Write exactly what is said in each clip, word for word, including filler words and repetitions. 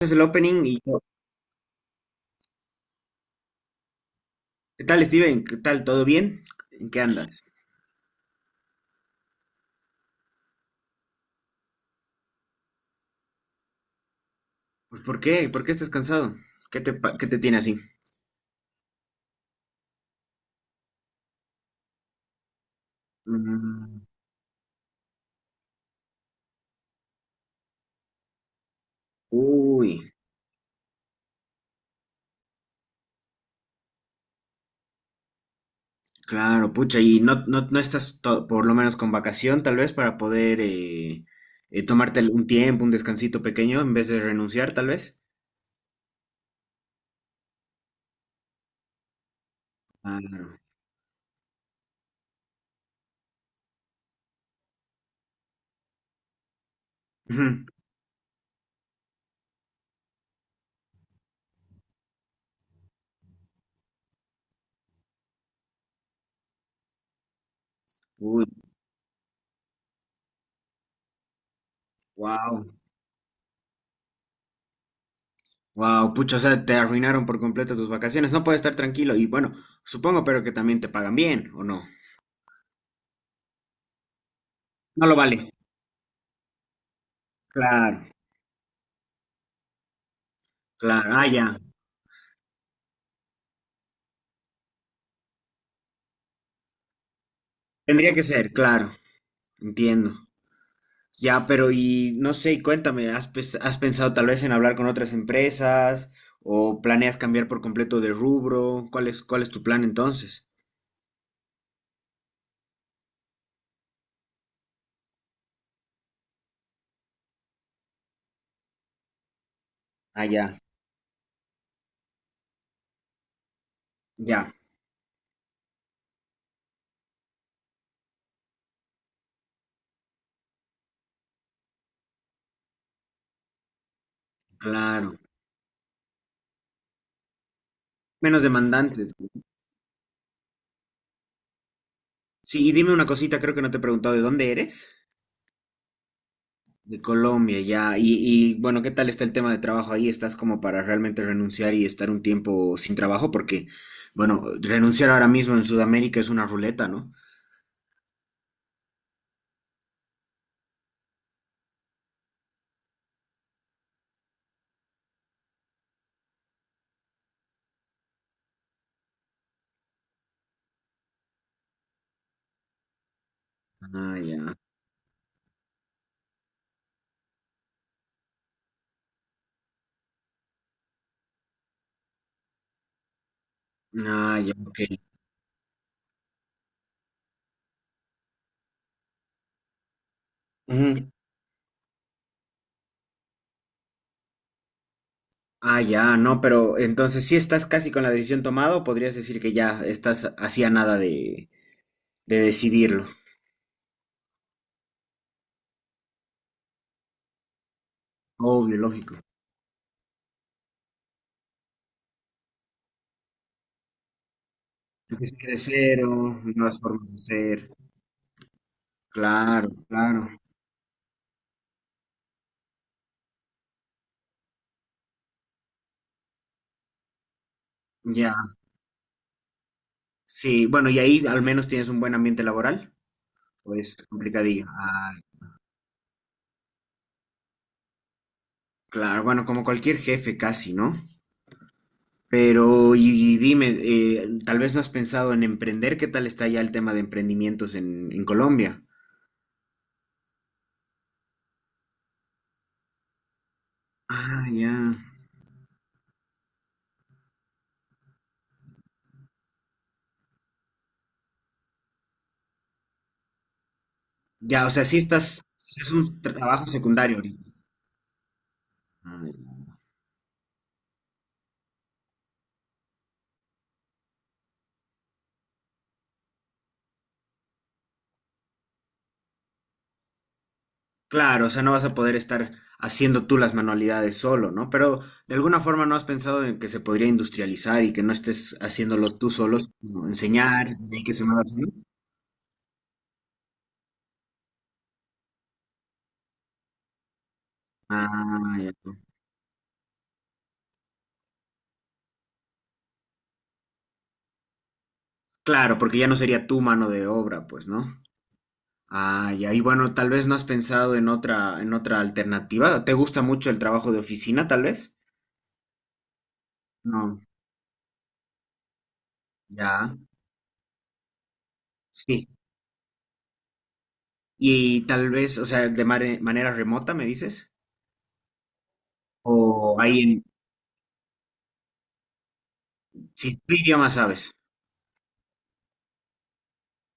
Es el opening y yo, ¿qué tal, Steven? ¿Qué tal? ¿Todo bien? ¿En qué andas? Pues, ¿por qué? ¿Por qué estás cansado? ¿Qué te, pa- qué te tiene así? Mm, Uy, claro, pucha, y no, no, no estás to- por lo menos con vacación, tal vez, para poder eh, eh, tomarte un tiempo, un descansito pequeño, en vez de renunciar, tal vez. Claro. Ujú. Uy, wow, wow, pucha, o sea, te arruinaron por completo tus vacaciones, no puedes estar tranquilo, y bueno, supongo, pero que también te pagan bien, ¿o no? No lo vale. Claro. Claro, ah, ya. Tendría que ser, claro, entiendo. Ya, pero y no sé, y cuéntame, ¿has, pes- has pensado tal vez en hablar con otras empresas o planeas cambiar por completo de rubro? ¿Cuál es, cuál es tu plan entonces? Ah, ya, ya, claro. Menos demandantes. Sí, y dime una cosita, creo que no te he preguntado, ¿de dónde eres? De Colombia, ya. Y, y bueno, ¿qué tal está el tema de trabajo ahí? ¿Estás como para realmente renunciar y estar un tiempo sin trabajo? Porque, bueno, renunciar ahora mismo en Sudamérica es una ruleta, ¿no? Ah, ya. Ah, ya, ok. Ujú. Ah, ya, no, pero entonces sí estás casi con la decisión tomada o podrías decir que ya estás hacía nada de, de decidirlo. Obvio, lógico. Empezaste de cero, nuevas formas de ser. Claro, claro. Ya, sí, bueno, y ahí al menos tienes un buen ambiente laboral. Pues complicadillo. Ah, claro, bueno, como cualquier jefe casi, ¿no? Pero, y, y dime, eh, tal vez no has pensado en emprender, ¿qué tal está ya el tema de emprendimientos en, en Colombia? Ah, ya. Ya, o sea, sí estás, es un trabajo secundario ahorita. Ah, ya. Claro, o sea, no vas a poder estar haciendo tú las manualidades solo, ¿no? Pero de alguna forma no has pensado en que se podría industrializar y que no estés haciéndolos tú solos, como enseñar y que se mueva solo. Ah, ya. Claro, porque ya no sería tu mano de obra, pues, ¿no? Ah, ya. Y bueno, tal vez no has pensado en otra, en otra alternativa. ¿Te gusta mucho el trabajo de oficina, tal vez? No. Ya. Sí. Y tal vez, o sea, de mare- manera remota, me dices, o ahí en, si tu idioma sabes,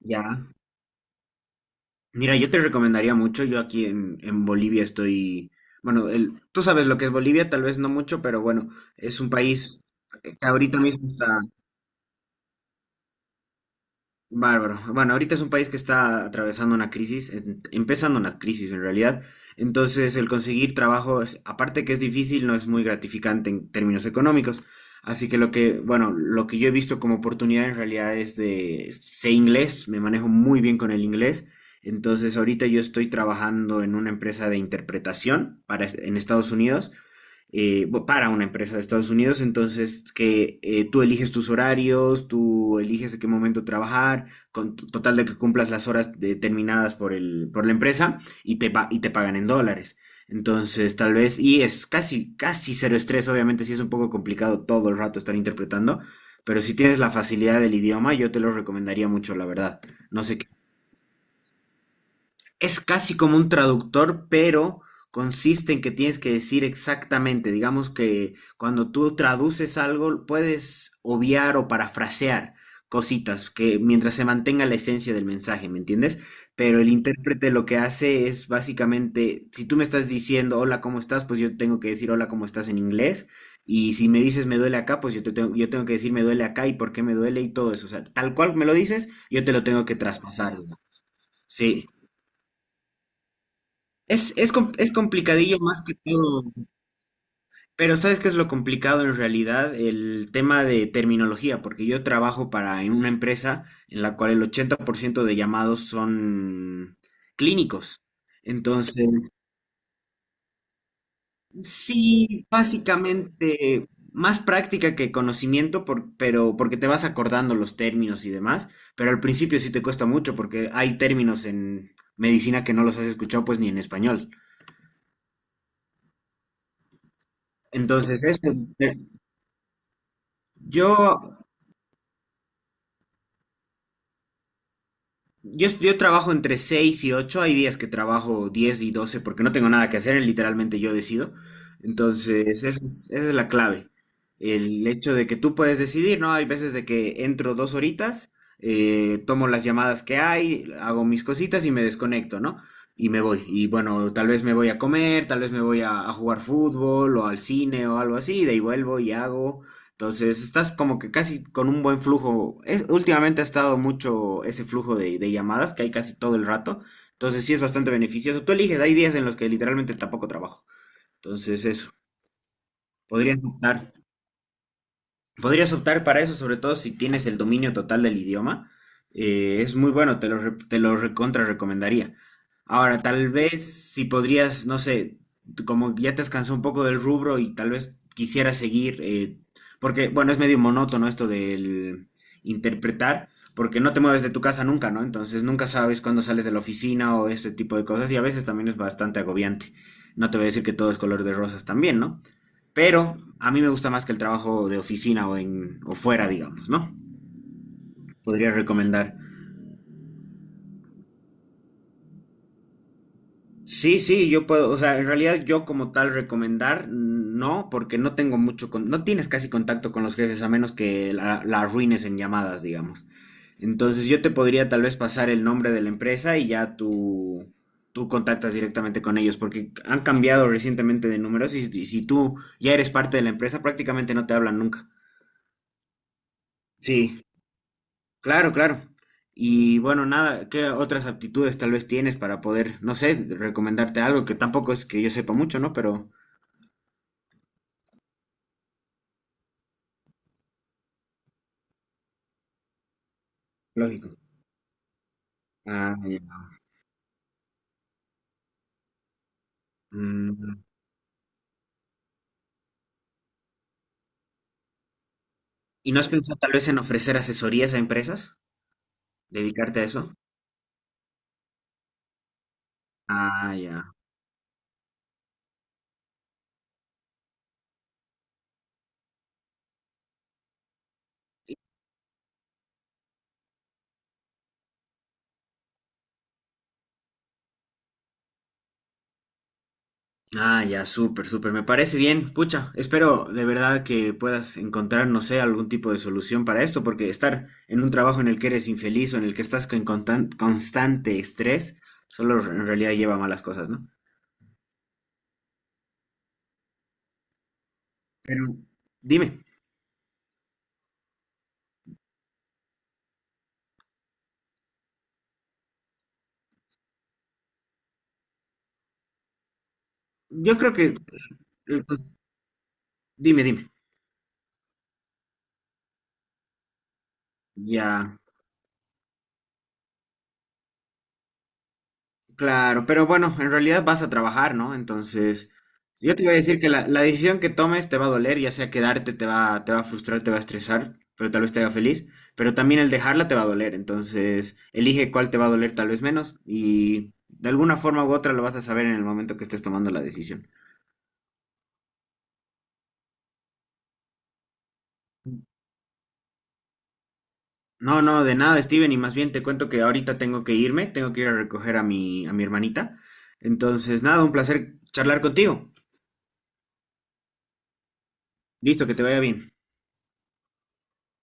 ya. Mira, yo te recomendaría mucho, yo aquí en, en Bolivia estoy, bueno, el, tú sabes lo que es Bolivia, tal vez no mucho, pero bueno, es un país que ahorita mismo está Bárbaro. Bueno, ahorita es un país que está atravesando una crisis, en- empezando una crisis en realidad. Entonces, el conseguir trabajo, es- aparte que es difícil, no es muy gratificante en términos económicos. Así que lo que, bueno, lo que yo he visto como oportunidad en realidad es de, sé inglés, me manejo muy bien con el inglés. Entonces, ahorita yo estoy trabajando en una empresa de interpretación para, es- en Estados Unidos eh, para una empresa de Estados Unidos, entonces que eh, tú eliges tus horarios, tú eliges en qué momento trabajar, con t- total de que cumplas las horas determinadas por el, por la empresa y te, pa- y te pagan en dólares. Entonces, tal vez, y es casi, casi cero estrés, obviamente sí es un poco complicado todo el rato estar interpretando, pero si tienes la facilidad del idioma, yo te lo recomendaría mucho, la verdad. No sé, es casi como un traductor, pero consiste en que tienes que decir exactamente. Digamos que cuando tú traduces algo, puedes obviar o parafrasear cositas que mientras se mantenga la esencia del mensaje, ¿me entiendes? Pero el intérprete lo que hace es básicamente, si tú me estás diciendo hola, ¿cómo estás? Pues yo tengo que decir hola, ¿cómo estás en inglés? Y si me dices me duele acá, pues yo te tengo, yo tengo que decir me duele acá y por qué me duele y todo eso. O sea, tal cual me lo dices, yo te lo tengo que traspasar, ¿no? Sí, es, es, com- es complicadillo más que todo, pero ¿sabes qué es lo complicado en realidad? El tema de terminología, porque yo trabajo para en una empresa en la cual el ochenta por ciento de llamados son clínicos. Entonces, sí, básicamente más práctica que conocimiento, por- pero porque te vas acordando los términos y demás, pero al principio sí te cuesta mucho porque hay términos en medicina que no los has escuchado pues ni en español. Entonces, eso, eh, yo Yo, es- yo trabajo entre seis y ocho hay días que trabajo diez y doce porque no tengo nada que hacer, literalmente yo decido. Entonces, esa es, esa es la clave. El hecho de que tú puedes decidir, ¿no? Hay veces de que entro dos horitas, eh, tomo las llamadas que hay, hago mis cositas y me desconecto, ¿no? Y me voy. Y bueno, tal vez me voy a comer, tal vez me voy a, a jugar fútbol o al cine o algo así, y de ahí vuelvo y hago. Entonces, estás como que casi con un buen flujo. Es- últimamente ha estado mucho ese flujo de, de llamadas que hay casi todo el rato. Entonces, sí es bastante beneficioso. Tú eliges, hay días en los que literalmente tampoco trabajo. Entonces, eso. Podrías optar. Podrías optar para eso, sobre todo si tienes el dominio total del idioma. Eh, es muy bueno, te lo, re- te lo recontra recomendaría. Ahora, tal vez si podrías, no sé, tú como ya te has cansado un poco del rubro y tal vez quisieras seguir, eh, porque, bueno, es medio monótono esto del interpretar, porque no te mueves de tu casa nunca, ¿no? Entonces nunca sabes cuándo sales de la oficina o este tipo de cosas y a veces también es bastante agobiante. No te voy a decir que todo es color de rosas también, ¿no? Pero a mí me gusta más que el trabajo de oficina o, en, o fuera, digamos, ¿no? Podría recomendar. Sí, sí, yo puedo, o sea, en realidad yo como tal recomendar, no, porque no tengo mucho, con- no tienes casi contacto con los jefes a menos que la, la arruines en llamadas, digamos. Entonces yo te podría tal vez pasar el nombre de la empresa y ya tú, tú contactas directamente con ellos, porque han cambiado recientemente de números y, si y si tú ya eres parte de la empresa prácticamente no te hablan nunca. Sí, Claro, claro. Y bueno, nada, ¿qué otras aptitudes tal vez tienes para poder, no sé, recomendarte algo que tampoco es que yo sepa mucho, ¿no? Pero lógico. Ah, ya. Mm, ¿Y no has pensado tal vez en ofrecer asesorías a empresas? ¿Dedicarte a eso? Ah, ya. Ah, ya, súper, súper. Me parece bien. Pucha, espero de verdad que puedas encontrar, no sé, algún tipo de solución para esto, porque estar en un trabajo en el que eres infeliz o en el que estás con constan- constante estrés, solo en realidad lleva a malas cosas, ¿no? Pero dime, yo creo que, eh, pues, dime, dime. Ya, claro, pero bueno, en realidad vas a trabajar, ¿no? Entonces, yo te voy a decir que la, la decisión que tomes te va a doler, ya sea quedarte te va, te va a frustrar, te va a estresar, pero tal vez te haga feliz, pero también el dejarla te va a doler, entonces elige cuál te va a doler tal vez menos y de alguna forma u otra lo vas a saber en el momento que estés tomando la decisión. No, no, de nada, Steven, y más bien te cuento que ahorita tengo que irme, tengo que ir a recoger a mi, a mi hermanita. Entonces, nada, un placer charlar contigo. Listo, que te vaya bien.